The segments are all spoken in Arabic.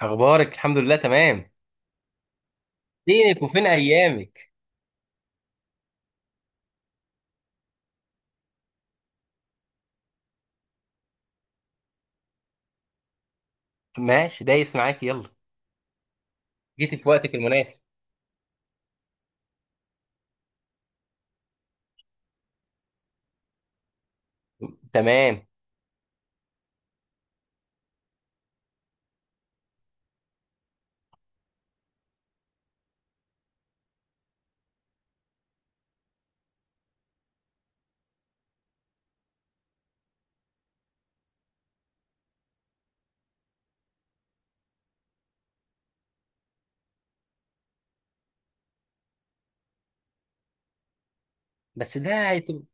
اخبارك، الحمد لله، تمام. فينك وفين ايامك؟ ماشي، دايس معاك، يلا. جيتي في وقتك المناسب. تمام. بس ده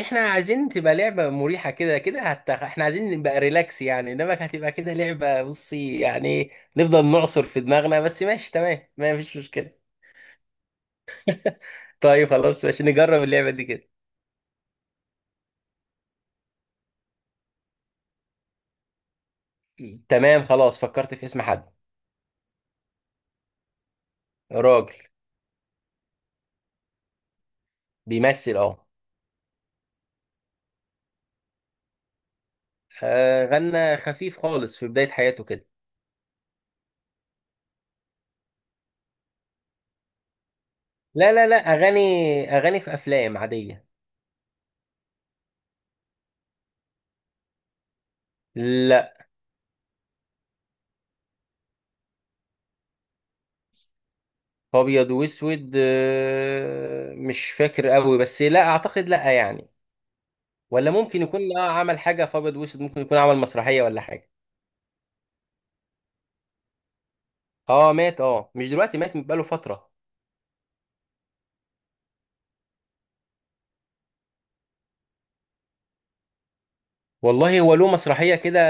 احنا عايزين تبقى لعبة مريحة، كده كده احنا عايزين نبقى ريلاكس يعني، انما هتبقى كده لعبة، بصي يعني نفضل نعصر في دماغنا. بس ماشي تمام، ما فيش مشكلة. طيب خلاص، ماشي نجرب اللعبة دي كده. تمام خلاص، فكرت في اسم حد. راجل. بيمثل اه. آه، غنى خفيف خالص في بداية حياته كده. لا لا لا، اغاني. اغاني في افلام عاديه. لا. ابيض واسود، آه، مش فاكر قوي، بس لا اعتقد، لا يعني. ولا ممكن يكون عمل حاجه في ابيض واسود، ممكن يكون عمل مسرحيه ولا حاجه. اه، مات. اه، مش دلوقتي مات، بقاله فتره. والله هو له مسرحيه كده،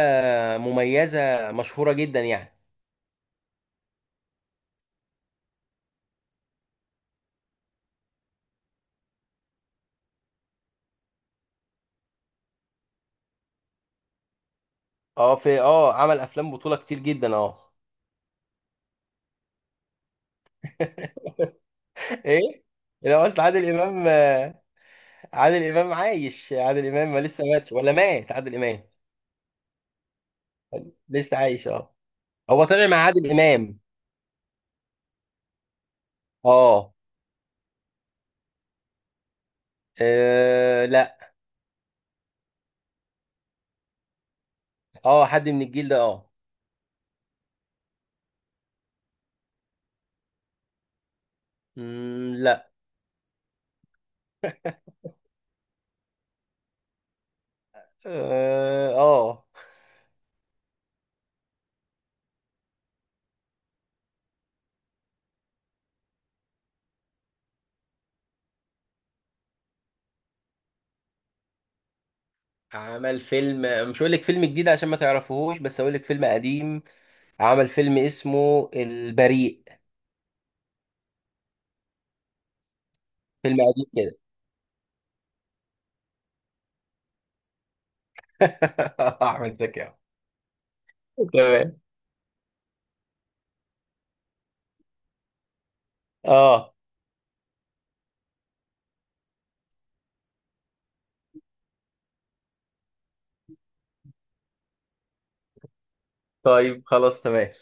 مميزه مشهوره جدا يعني. اه، في، عمل افلام بطوله كتير جدا اه. ايه. لا اصل عادل امام، عادل امام عايش، عادل امام ما لسه ماتش ولا مات؟ عادل امام لسه عايش اه. هو طلع مع عادل امام. اه. آه، لا. اه، حد من الجيل ده اه. مم، لا. اه. آه. عمل فيلم، مش هقول لك فيلم جديد عشان ما تعرفوهوش، بس هقول لك فيلم قديم. عمل فيلم اسمه البريء. فيلم قديم كده. احمد زكي أهو. تمام. اه طيب خلاص، تمام.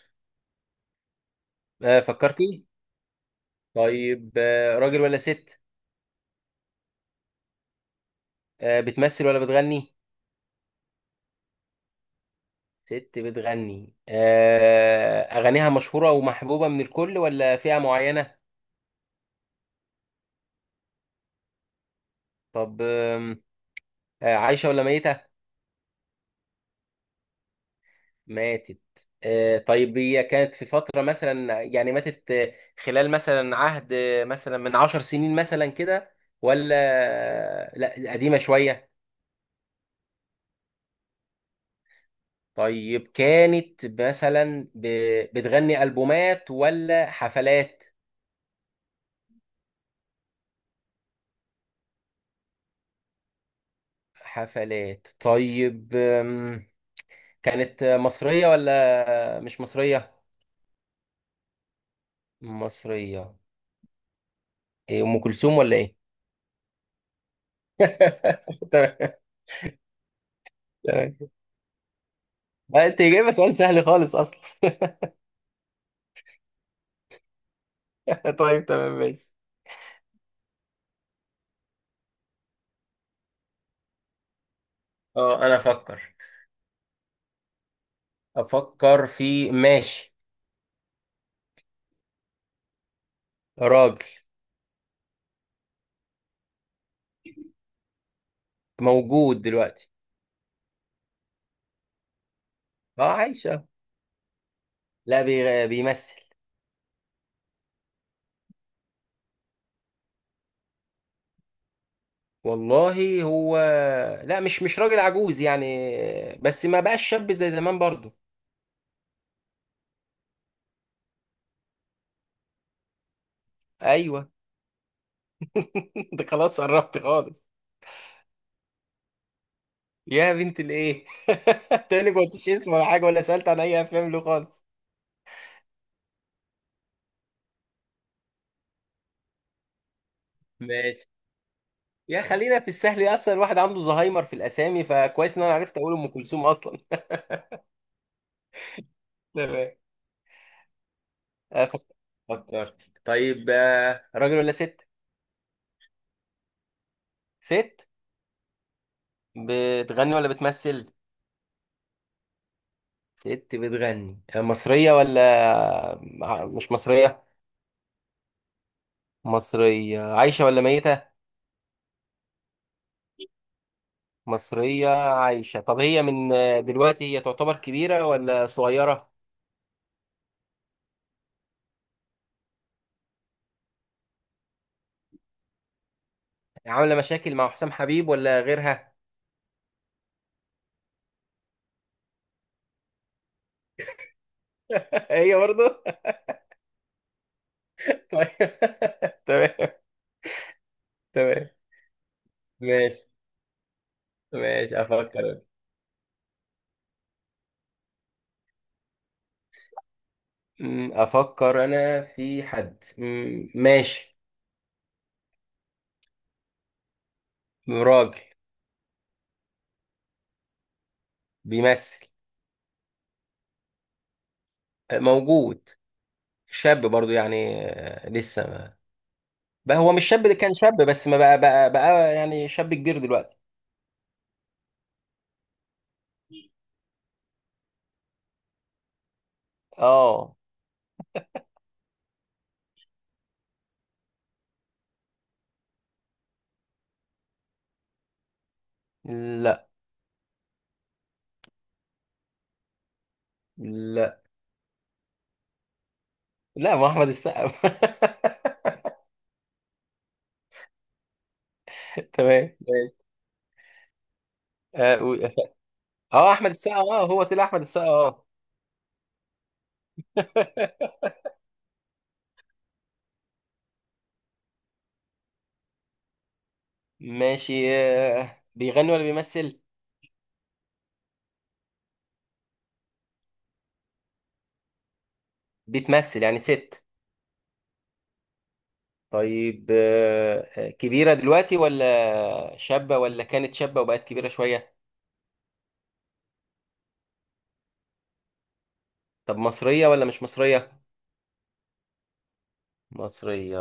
آه، فكرتي. طيب، راجل ولا ست؟ بتمثل ولا بتغني؟ ست بتغني. أغانيها مشهورة ومحبوبة من الكل ولا فئة معينة؟ طب عايشة ولا ميتة؟ ماتت. طيب هي كانت في فترة مثلا يعني ماتت، خلال مثلا عهد، مثلا من 10 سنين مثلا كده، ولا لا قديمة شوية؟ طيب كانت مثلا بتغني ألبومات ولا حفلات؟ حفلات. طيب كانت مصرية ولا مش مصرية؟ مصرية. ايه، ام كلثوم ولا ايه؟ تمام. تمام. لا، انت جايبه سؤال سهل خالص اصلا. طيب تمام، ماشي. اه، انا افكر. افكر في، ماشي. راجل. موجود دلوقتي. اه عايش اه. لا، بيمثل. والله هو، لا مش راجل عجوز يعني، بس ما بقاش شاب زي زمان برضو. ايوه. انت خلاص قربت خالص. يا بنت الايه! تاني ما قلتش اسمه ولا حاجه، ولا سالت عن اي افلام له خالص. ماشي. يا خلينا في السهل، يا اصلا الواحد عنده زهايمر في الاسامي، فكويس ان انا عرفت اقول ام كلثوم اصلا. تمام. آه، فكرت. طيب، راجل ولا ست؟ ست. بتغني ولا بتمثل؟ ست بتغني. مصرية ولا مش مصرية؟ مصرية عايشة ولا ميتة؟ مصرية، عايشة. طب هي من دلوقتي، هي تعتبر كبيرة ولا صغيرة؟ عاملة مشاكل مع حسام حبيب ولا غيرها؟ هي برضه. طيب. تمام. تمام. ماشي. ماشي افكر. افكر انا في حد. ماشي. راجل. بيمثل. موجود. شاب برضو يعني، لسه ما بقى. هو مش شاب، اللي كان شاب بس ما بقى بقى بقى، يعني شاب كبير دلوقتي. اه. لا. لا. لا ما هو احمد السقا. تمام ماشي. اه قول. آه، احمد السقا اه. هو طلع احمد السقا اه. ماشي. بيغني ولا بيمثل؟ بتمثل. يعني ست. طيب، كبيرة دلوقتي ولا شابة، ولا كانت شابة وبقت كبيرة شوية؟ طب مصرية ولا مش مصرية؟ مصرية.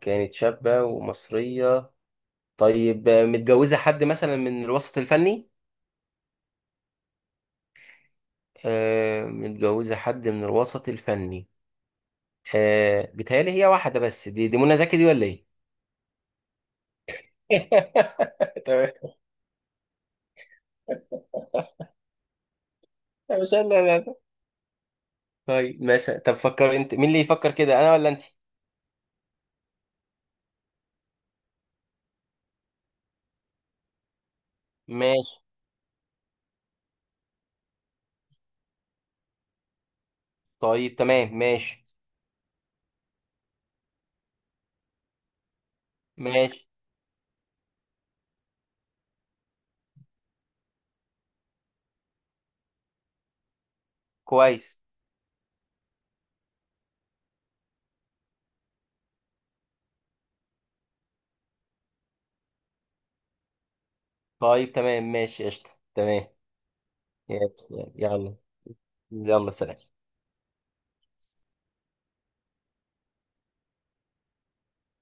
كانت شابة ومصرية. طيب، متجوزة حد مثلا من الوسط الفني؟ آه، متجوزة حد من الوسط الفني. بيتهيألي هي واحدة بس، دي دي منى زكي دي ولا ايه؟ تمام. مش انا، لا لا. طيب ماشي. طب فكر انت، مين اللي يفكر كده، انا ولا انت؟ ماشي. طيب تمام، ماشي ماشي. كويس. طيب تمام، ماشي، قشطة. تمام. يلا. يلا. يلا سلام.